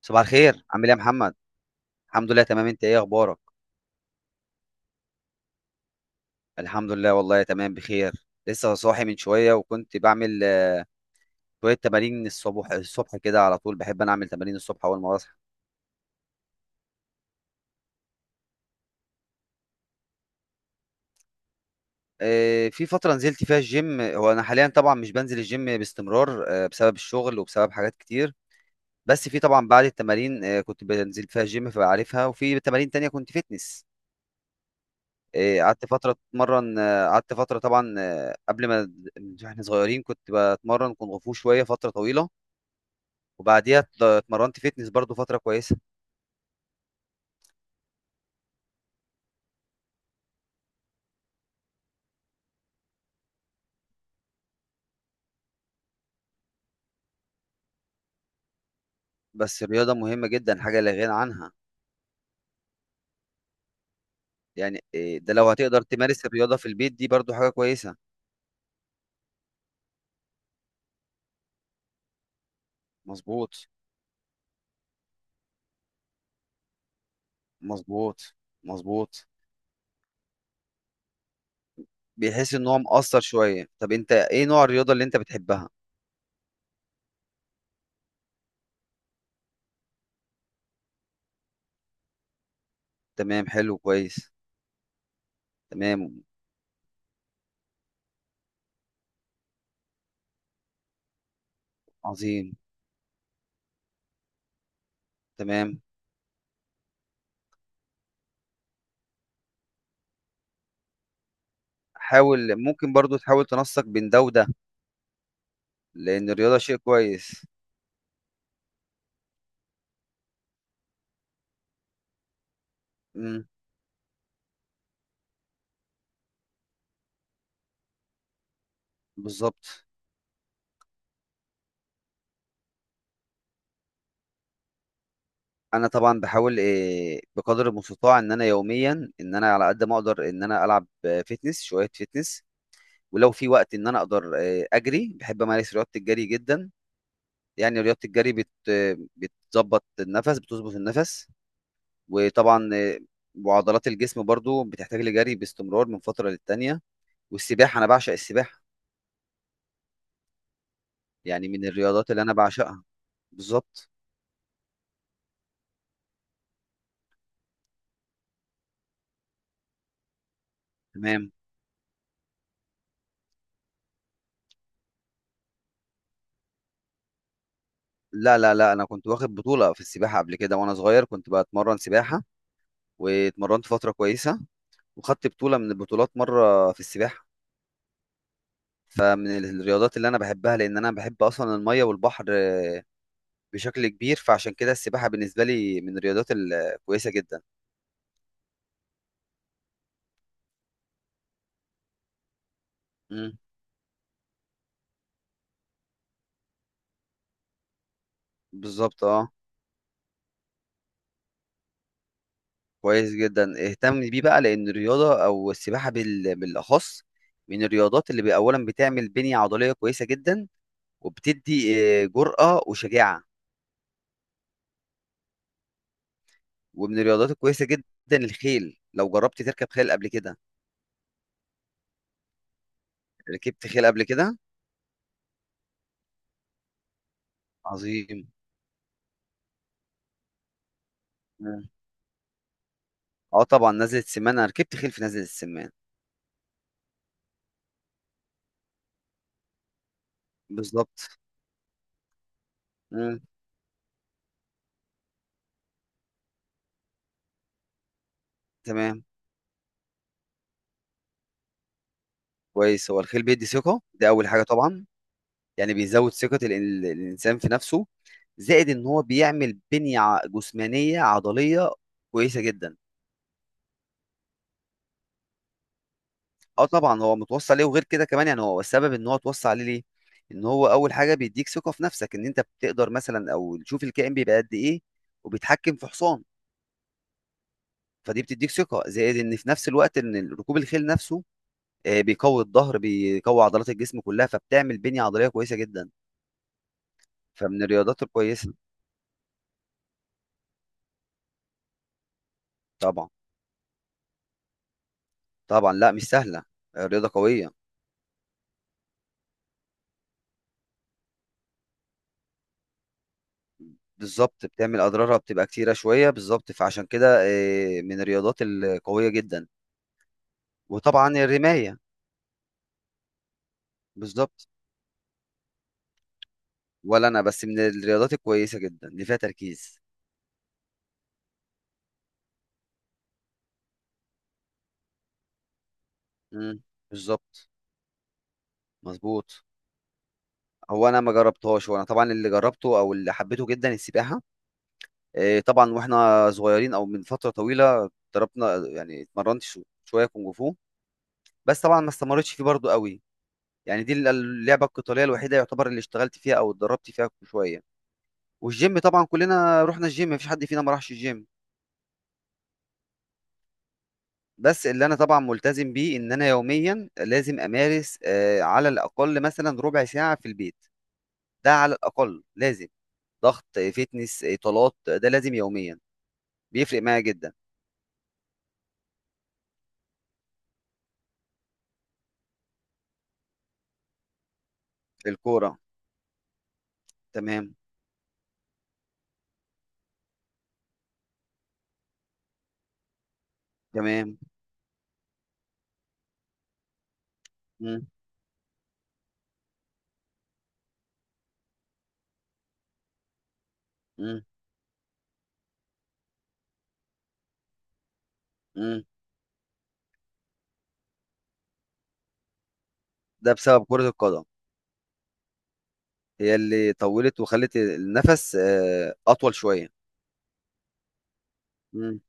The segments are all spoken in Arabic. صباح الخير، عامل ايه يا محمد؟ الحمد لله تمام. انت ايه اخبارك؟ الحمد لله والله تمام بخير. لسه صاحي من شويه وكنت بعمل شويه تمارين الصبح. الصبح كده على طول بحب انا اعمل تمارين الصبح اول ما بصحى. في فتره نزلت فيها الجيم. هو انا حاليا طبعا مش بنزل الجيم باستمرار بسبب الشغل وبسبب حاجات كتير. بس في طبعا بعد التمارين كنت بنزل فيها الجيم فبعرفها، وفي تمارين تانية كنت فتنس. قعدت فتره اتمرن. قعدت فتره طبعا قبل ما احنا صغيرين كنت بتمرن كونغ فو شويه، فتره طويله. وبعديها اتمرنت فيتنس برضو فترة كويسة. بس الرياضة مهمة جدا، حاجة لا غنى عنها. يعني ده لو هتقدر تمارس الرياضة في البيت دي برضو حاجة كويسة. مظبوط. مظبوط. مظبوط. بيحس ان هو مقصر شوية. طب انت ايه نوع الرياضة اللي انت بتحبها؟ تمام، حلو، كويس. تمام. عظيم. تمام. حاول، ممكن برضو تحاول تنسق بين ده وده، لان الرياضة شيء كويس. امم بالظبط. انا طبعا بحاول بقدر المستطاع ان انا يوميا، ان انا على قد ما اقدر ان انا العب فيتنس، شويه فيتنس. ولو في وقت ان انا اقدر اجري، بحب امارس رياضه الجري جدا. يعني رياضه الجري بت آه، بتظبط النفس، بتظبط النفس. وطبعا وعضلات الجسم برضو بتحتاج لجري باستمرار من فتره للتانيه. والسباحه انا بعشق السباحه، يعني من الرياضات اللي انا بعشقها. بالظبط. تمام. لا لا لا، انا كنت واخد بطوله في السباحه قبل كده، وانا صغير كنت بتمرن سباحه، واتمرنت فترة كويسة، وخدت بطولة من البطولات مرة في السباحة. فمن الرياضات اللي أنا بحبها، لأن أنا بحب أصلا المية والبحر بشكل كبير، فعشان كده السباحة بالنسبة لي من الرياضات الكويسة جدا. مم. بالظبط، اه. كويس جدا، اهتم بيه بقى، لأن الرياضة أو السباحة بالأخص من الرياضات اللي أولا بتعمل بنية عضلية كويسة جدا وبتدي جرأة وشجاعة، ومن الرياضات الكويسة جدا الخيل. لو جربت تركب خيل قبل كده؟ ركبت خيل قبل كده؟ عظيم. مم. اه طبعا نزلة السمان، انا ركبت خيل في نزلة السمان. بالظبط. مم. تمام. كويس، هو الخيل بيدي ثقة، ده اول حاجة طبعا. يعني بيزود ثقة الانسان في نفسه، زائد ان هو بيعمل بنية جسمانية عضلية كويسة جدا. اه طبعا هو متوصى عليه، وغير كده كمان يعني هو السبب ان هو اتوصى عليه ليه، ان هو اول حاجة بيديك ثقة في نفسك ان انت بتقدر مثلا او تشوف الكائن بيبقى قد ايه وبيتحكم في حصان. فدي بتديك ثقة، زائد ان في نفس الوقت ان ركوب الخيل نفسه بيقوي الظهر، بيقوي عضلات الجسم كلها، فبتعمل بنية عضلية كويسة جدا، فمن الرياضات الكويسة. طبعا. طبعا، لا مش سهلة. رياضة قوية. بالظبط، بتعمل أضرارها بتبقى كتيرة شوية بالظبط، فعشان كده من الرياضات القوية جدا. وطبعا الرماية. بالظبط. ولا أنا، بس من الرياضات الكويسة جدا اللي فيها تركيز. مم، بالظبط. مظبوط. هو أنا ما جربتهاش، وأنا طبعا اللي جربته أو اللي حبيته جدا السباحة. طبعا واحنا صغيرين او من فتره طويله ضربنا، يعني اتمرنت شويه كونغ فو، بس طبعا ما استمرتش فيه برضو قوي. يعني دي اللعبه القتاليه الوحيده يعتبر اللي اشتغلت فيها او اتدربت فيها شويه. والجيم طبعا كلنا رحنا الجيم، مفيش حد فينا ما راحش الجيم. بس اللي انا طبعا ملتزم بيه ان انا يوميا لازم امارس على الاقل مثلا ربع ساعه في البيت. ده على الاقل لازم، ضغط فتنس، اطالات، ده لازم يوميا، بيفرق معايا جدا. الكوره. تمام. تمام. مم. مم. مم. ده بسبب كرة القدم، هي اللي طولت وخلت النفس أطول شوية. مم.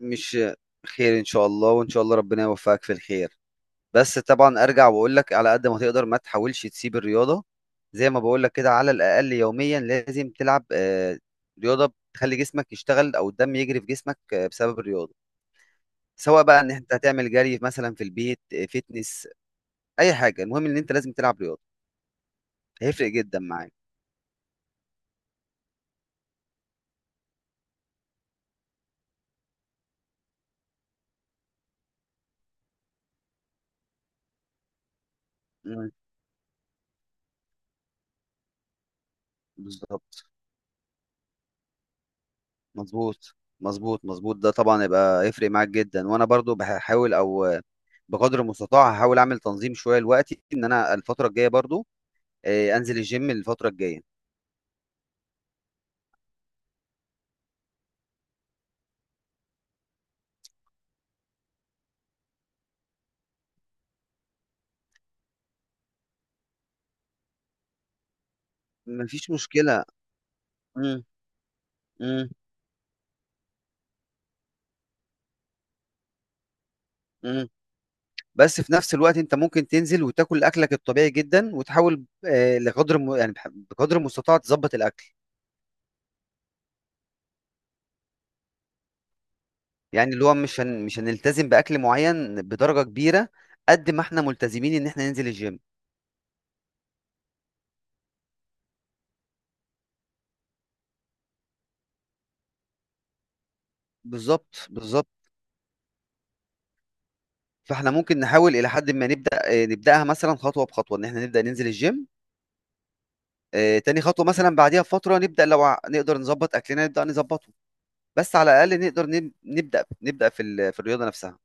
مش، خير إن شاء الله، وإن شاء الله ربنا يوفقك في الخير. بس طبعا أرجع وأقول لك، على قد ما تقدر ما تحاولش تسيب الرياضة. زي ما بقول لك كده، على الأقل يوميا لازم تلعب رياضة بتخلي جسمك يشتغل، أو الدم يجري في جسمك بسبب الرياضة. سواء بقى إن أنت هتعمل جري مثلا في البيت، فيتنس، أي حاجة، المهم إن أنت لازم تلعب رياضة، هيفرق جدا معاك. مم. بالظبط. مظبوط. مظبوط، مظبوط، ده طبعا يبقى يفرق معاك جدا. وانا برضو بحاول، او بقدر المستطاع هحاول اعمل تنظيم شويه لوقتي، ان انا الفتره الجايه برضو انزل الجيم الفتره الجايه. مفيش مشكله. مم. مم. مم. بس في نفس الوقت انت ممكن تنزل وتاكل اكلك الطبيعي جدا، وتحاول لقدر يعني بقدر المستطاع تظبط الاكل. يعني اللي هو مش مش هنلتزم باكل معين بدرجه كبيره قد ما احنا ملتزمين ان احنا ننزل الجيم. بالظبط. بالظبط. فاحنا ممكن نحاول الى حد ما نبدا، نبداها مثلا خطوه بخطوه، ان احنا نبدا ننزل الجيم تاني. خطوه مثلا بعديها بفتره نبدا، لو نقدر نظبط اكلنا نبدا نظبطه. بس على الاقل نقدر نبدا، نبدا في في الرياضه نفسها.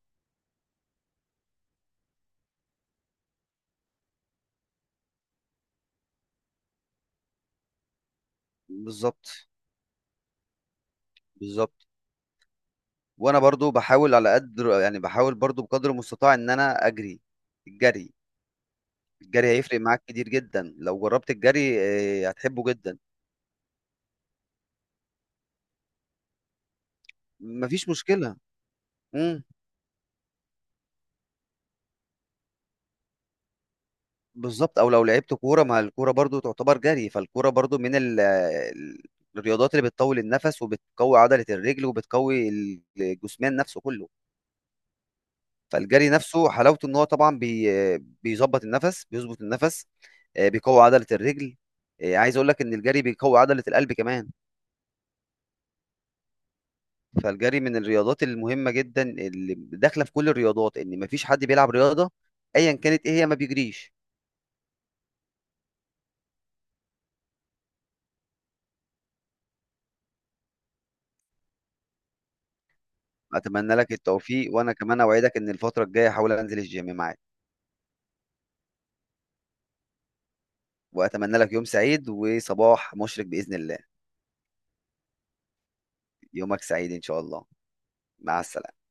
بالظبط. بالظبط. وانا برضو بحاول على قدر، يعني بحاول برضو بقدر المستطاع ان انا اجري. الجري، الجري هيفرق معاك كتير جدا لو جربت الجري، هتحبه جدا. مفيش مشكله. مم. بالظبط. او لو لعبت كوره، ما الكوره برضو تعتبر جري، فالكوره برضو من الرياضات اللي بتطول النفس وبتقوي عضله الرجل وبتقوي الجسمان نفسه كله. فالجري نفسه حلاوته ان هو طبعا بيظبط النفس، بيظبط النفس، بيقوي عضله الرجل، عايز اقول لك ان الجري بيقوي عضله القلب كمان. فالجري من الرياضات المهمه جدا اللي داخله في كل الرياضات، ان ما فيش حد بيلعب رياضه ايا كانت ايه هي ما بيجريش. اتمنى لك التوفيق، وانا كمان اوعدك ان الفتره الجايه احاول انزل الجيم معاك. وأتمنى لك يوم سعيد وصباح مشرق بإذن الله. يومك سعيد إن شاء الله. مع السلامة.